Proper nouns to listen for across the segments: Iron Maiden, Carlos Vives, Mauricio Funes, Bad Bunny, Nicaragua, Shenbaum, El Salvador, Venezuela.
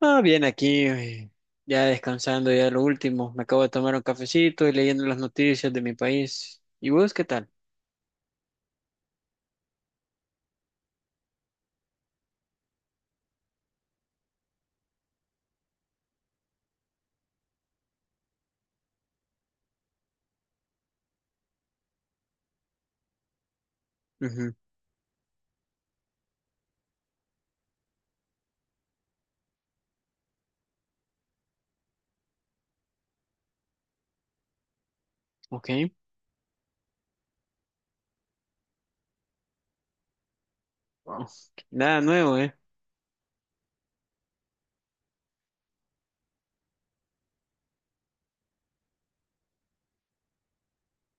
Ah, bien, aquí ya descansando, ya lo último. Me acabo de tomar un cafecito y leyendo las noticias de mi país. ¿Y vos qué tal? Ujú. Ok. Oh. Nada nuevo, ¿eh?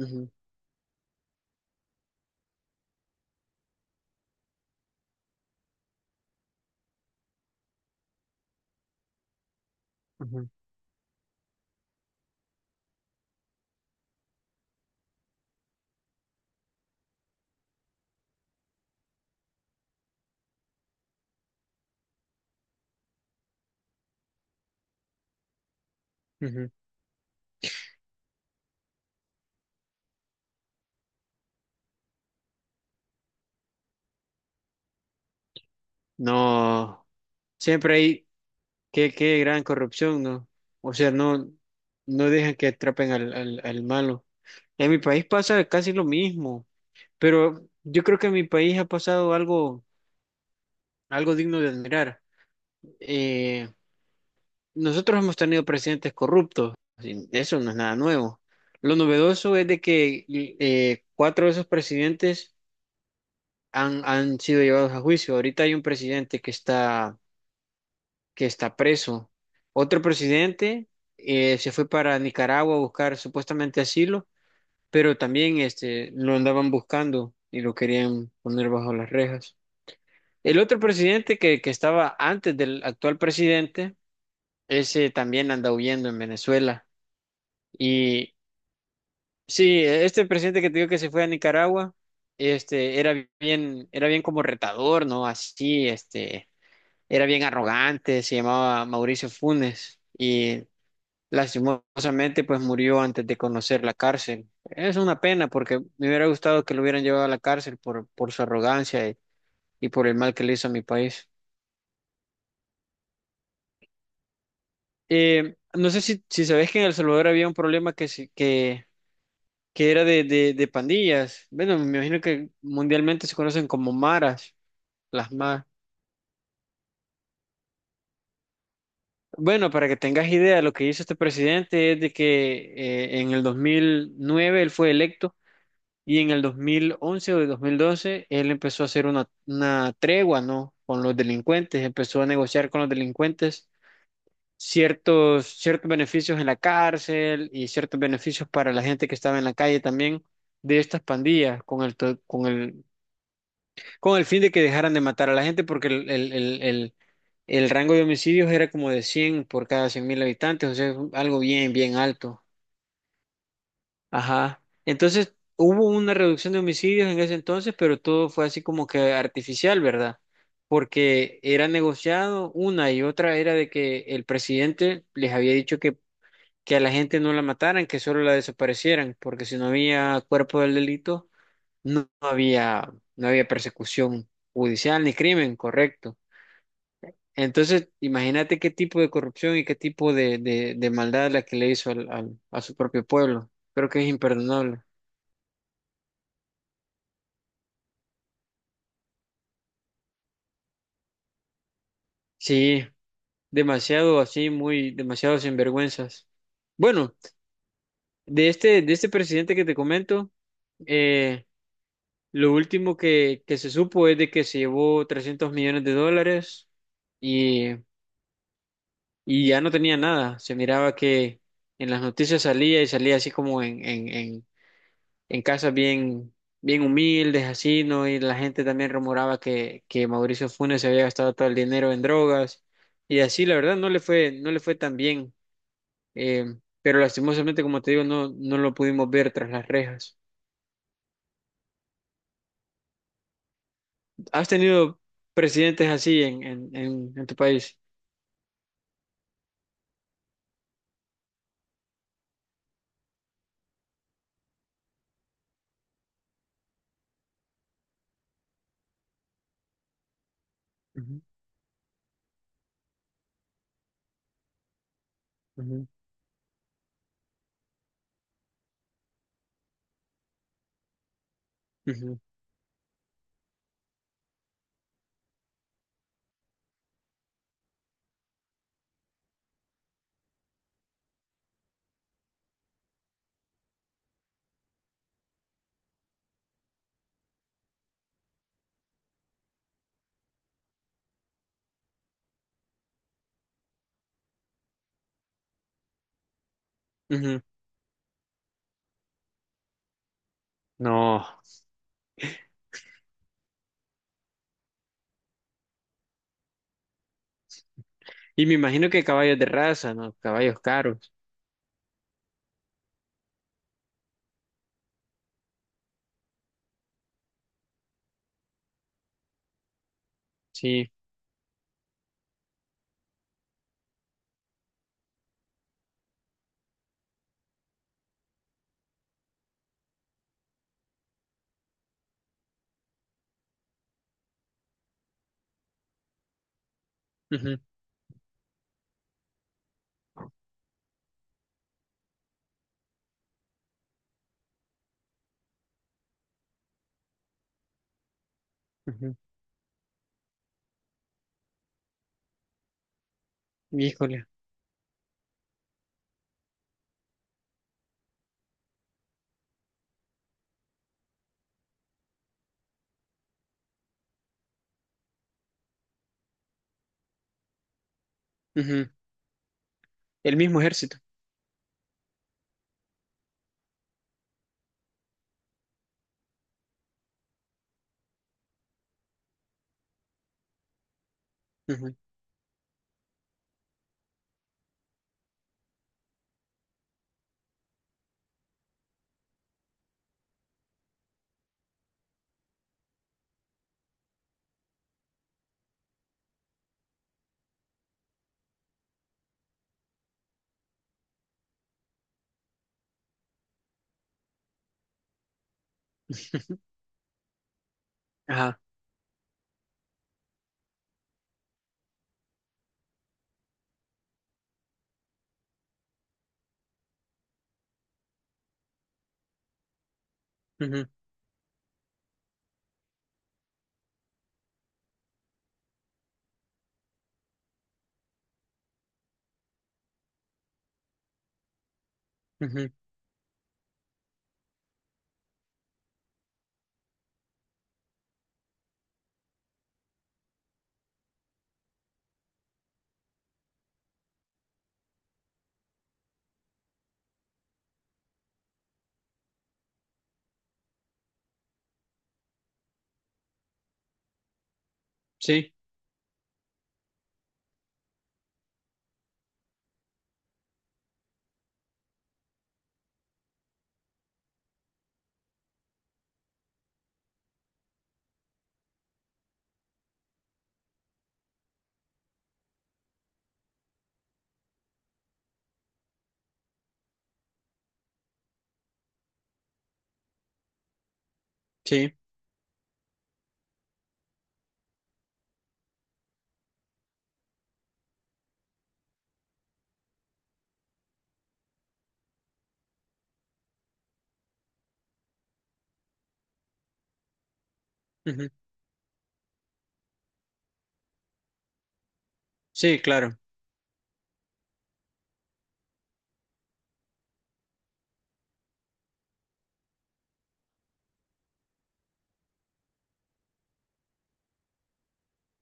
Ujú, ujú, ujú. No, siempre hay qué gran corrupción, ¿no? O sea, no, no dejan que atrapen al malo. En mi país pasa casi lo mismo, pero yo creo que en mi país ha pasado algo, algo digno de admirar. Eh, Nosotros hemos tenido presidentes corruptos, y eso no es nada nuevo. Lo novedoso es de que cuatro de esos presidentes han sido llevados a juicio. Ahorita hay un presidente que está preso. Otro presidente se fue para Nicaragua a buscar supuestamente asilo, pero también lo andaban buscando y lo querían poner bajo las rejas. El otro presidente que estaba antes del actual presidente, ese también anda huyendo en Venezuela. Y Sí, este presidente que te digo que se fue a Nicaragua, este, era era bien como retador, ¿no? Así, era bien arrogante, se llamaba Mauricio Funes y lastimosamente pues murió antes de conocer la cárcel. Es una pena porque me hubiera gustado que lo hubieran llevado a la cárcel por su arrogancia y por el mal que le hizo a mi país. No sé si sabes que en El Salvador había un problema que era de pandillas. Bueno, me imagino que mundialmente se conocen como maras. Las más. Bueno, para que tengas idea, lo que hizo este presidente es de que en el 2009 él fue electo y en el 2011 o el 2012 él empezó a hacer una tregua, ¿no? Con los delincuentes, empezó a negociar con los delincuentes ciertos beneficios en la cárcel y ciertos beneficios para la gente que estaba en la calle también de estas pandillas con el, to- con el fin de que dejaran de matar a la gente porque el rango de homicidios era como de 100 por cada 100.000 habitantes, o sea, es algo bien, bien alto. Ajá. Entonces, hubo una reducción de homicidios en ese entonces, pero todo fue así como que artificial, ¿verdad? Porque era negociado una y otra era de que el presidente les había dicho que a la gente no la mataran, que solo la desaparecieran, porque si no había cuerpo del delito, no no había, no había, persecución judicial ni crimen, correcto. Entonces, imagínate qué tipo de corrupción y qué tipo de maldad la que le hizo a su propio pueblo. Creo que es imperdonable. Sí, demasiado así, muy, demasiado sinvergüenzas. Bueno, de este presidente que te comento, eh, lo último que se supo es de que se llevó $300 millones y, y ya no tenía nada. Se miraba que en las noticias salía y salía así como en casas bien, bien humildes, así, ¿no? Y la gente también rumoraba que Mauricio Funes se había gastado todo el dinero en drogas y así, la verdad, no le fue tan bien. Eh, pero lastimosamente, como te digo, no, no lo pudimos ver tras las rejas. ¿Has tenido presidentes así en tu país? Ujú, ujú, ujú, ujú. No. Y me imagino que caballos de raza, ¿no? Caballos caros, sí. Ujú, ujú. Híjole. Ujú. El mismo ejército. Ujú. Ajá. Ujú, ujú. Sí, sí, ujú. Sí, claro,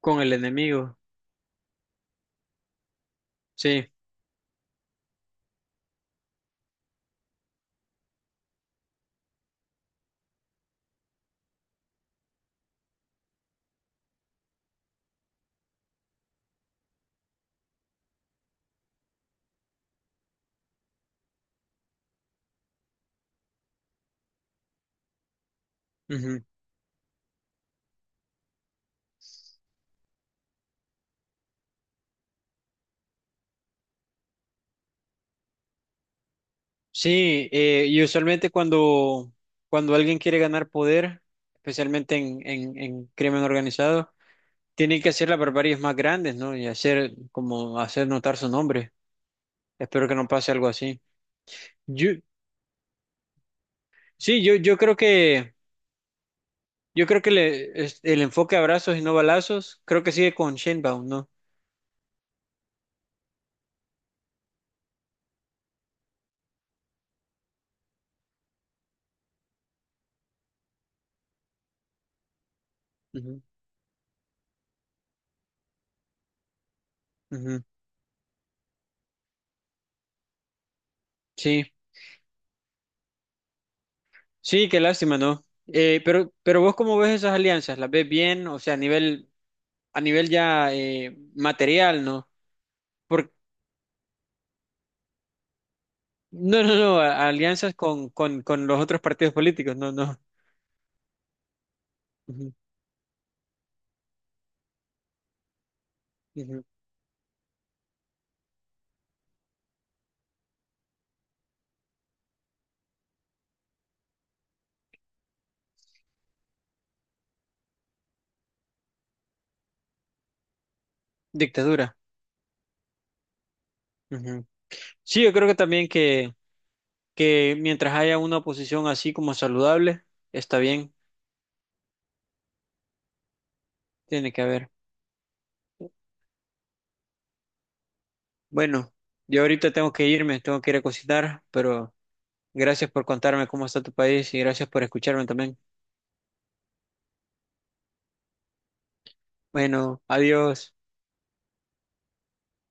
con el enemigo, sí, ujú. Sí, y usualmente cuando alguien quiere ganar poder, especialmente en crimen organizado, tiene que hacer las barbaries más grandes, ¿no? Y hacer, como hacer notar su nombre. Espero que no pase algo así. Yo, sí, yo creo que el enfoque abrazos y no balazos, creo que sigue con Shenbaum, ¿no? Ujú, ujú. Sí. Sí, qué lástima, ¿no? Pero vos cómo ves esas alianzas, ¿las ves bien? O sea, a nivel ya material, ¿no? Por, no, no, no, alianzas con los otros partidos políticos, no, no. Ujú, ujú. Dictadura. Ujú. Sí, yo creo que también que mientras haya una oposición así como saludable, está bien, tiene que haber. Bueno, yo ahorita tengo que irme, tengo que ir a cocinar, pero gracias por contarme cómo está tu país y gracias por escucharme también. Bueno, adiós.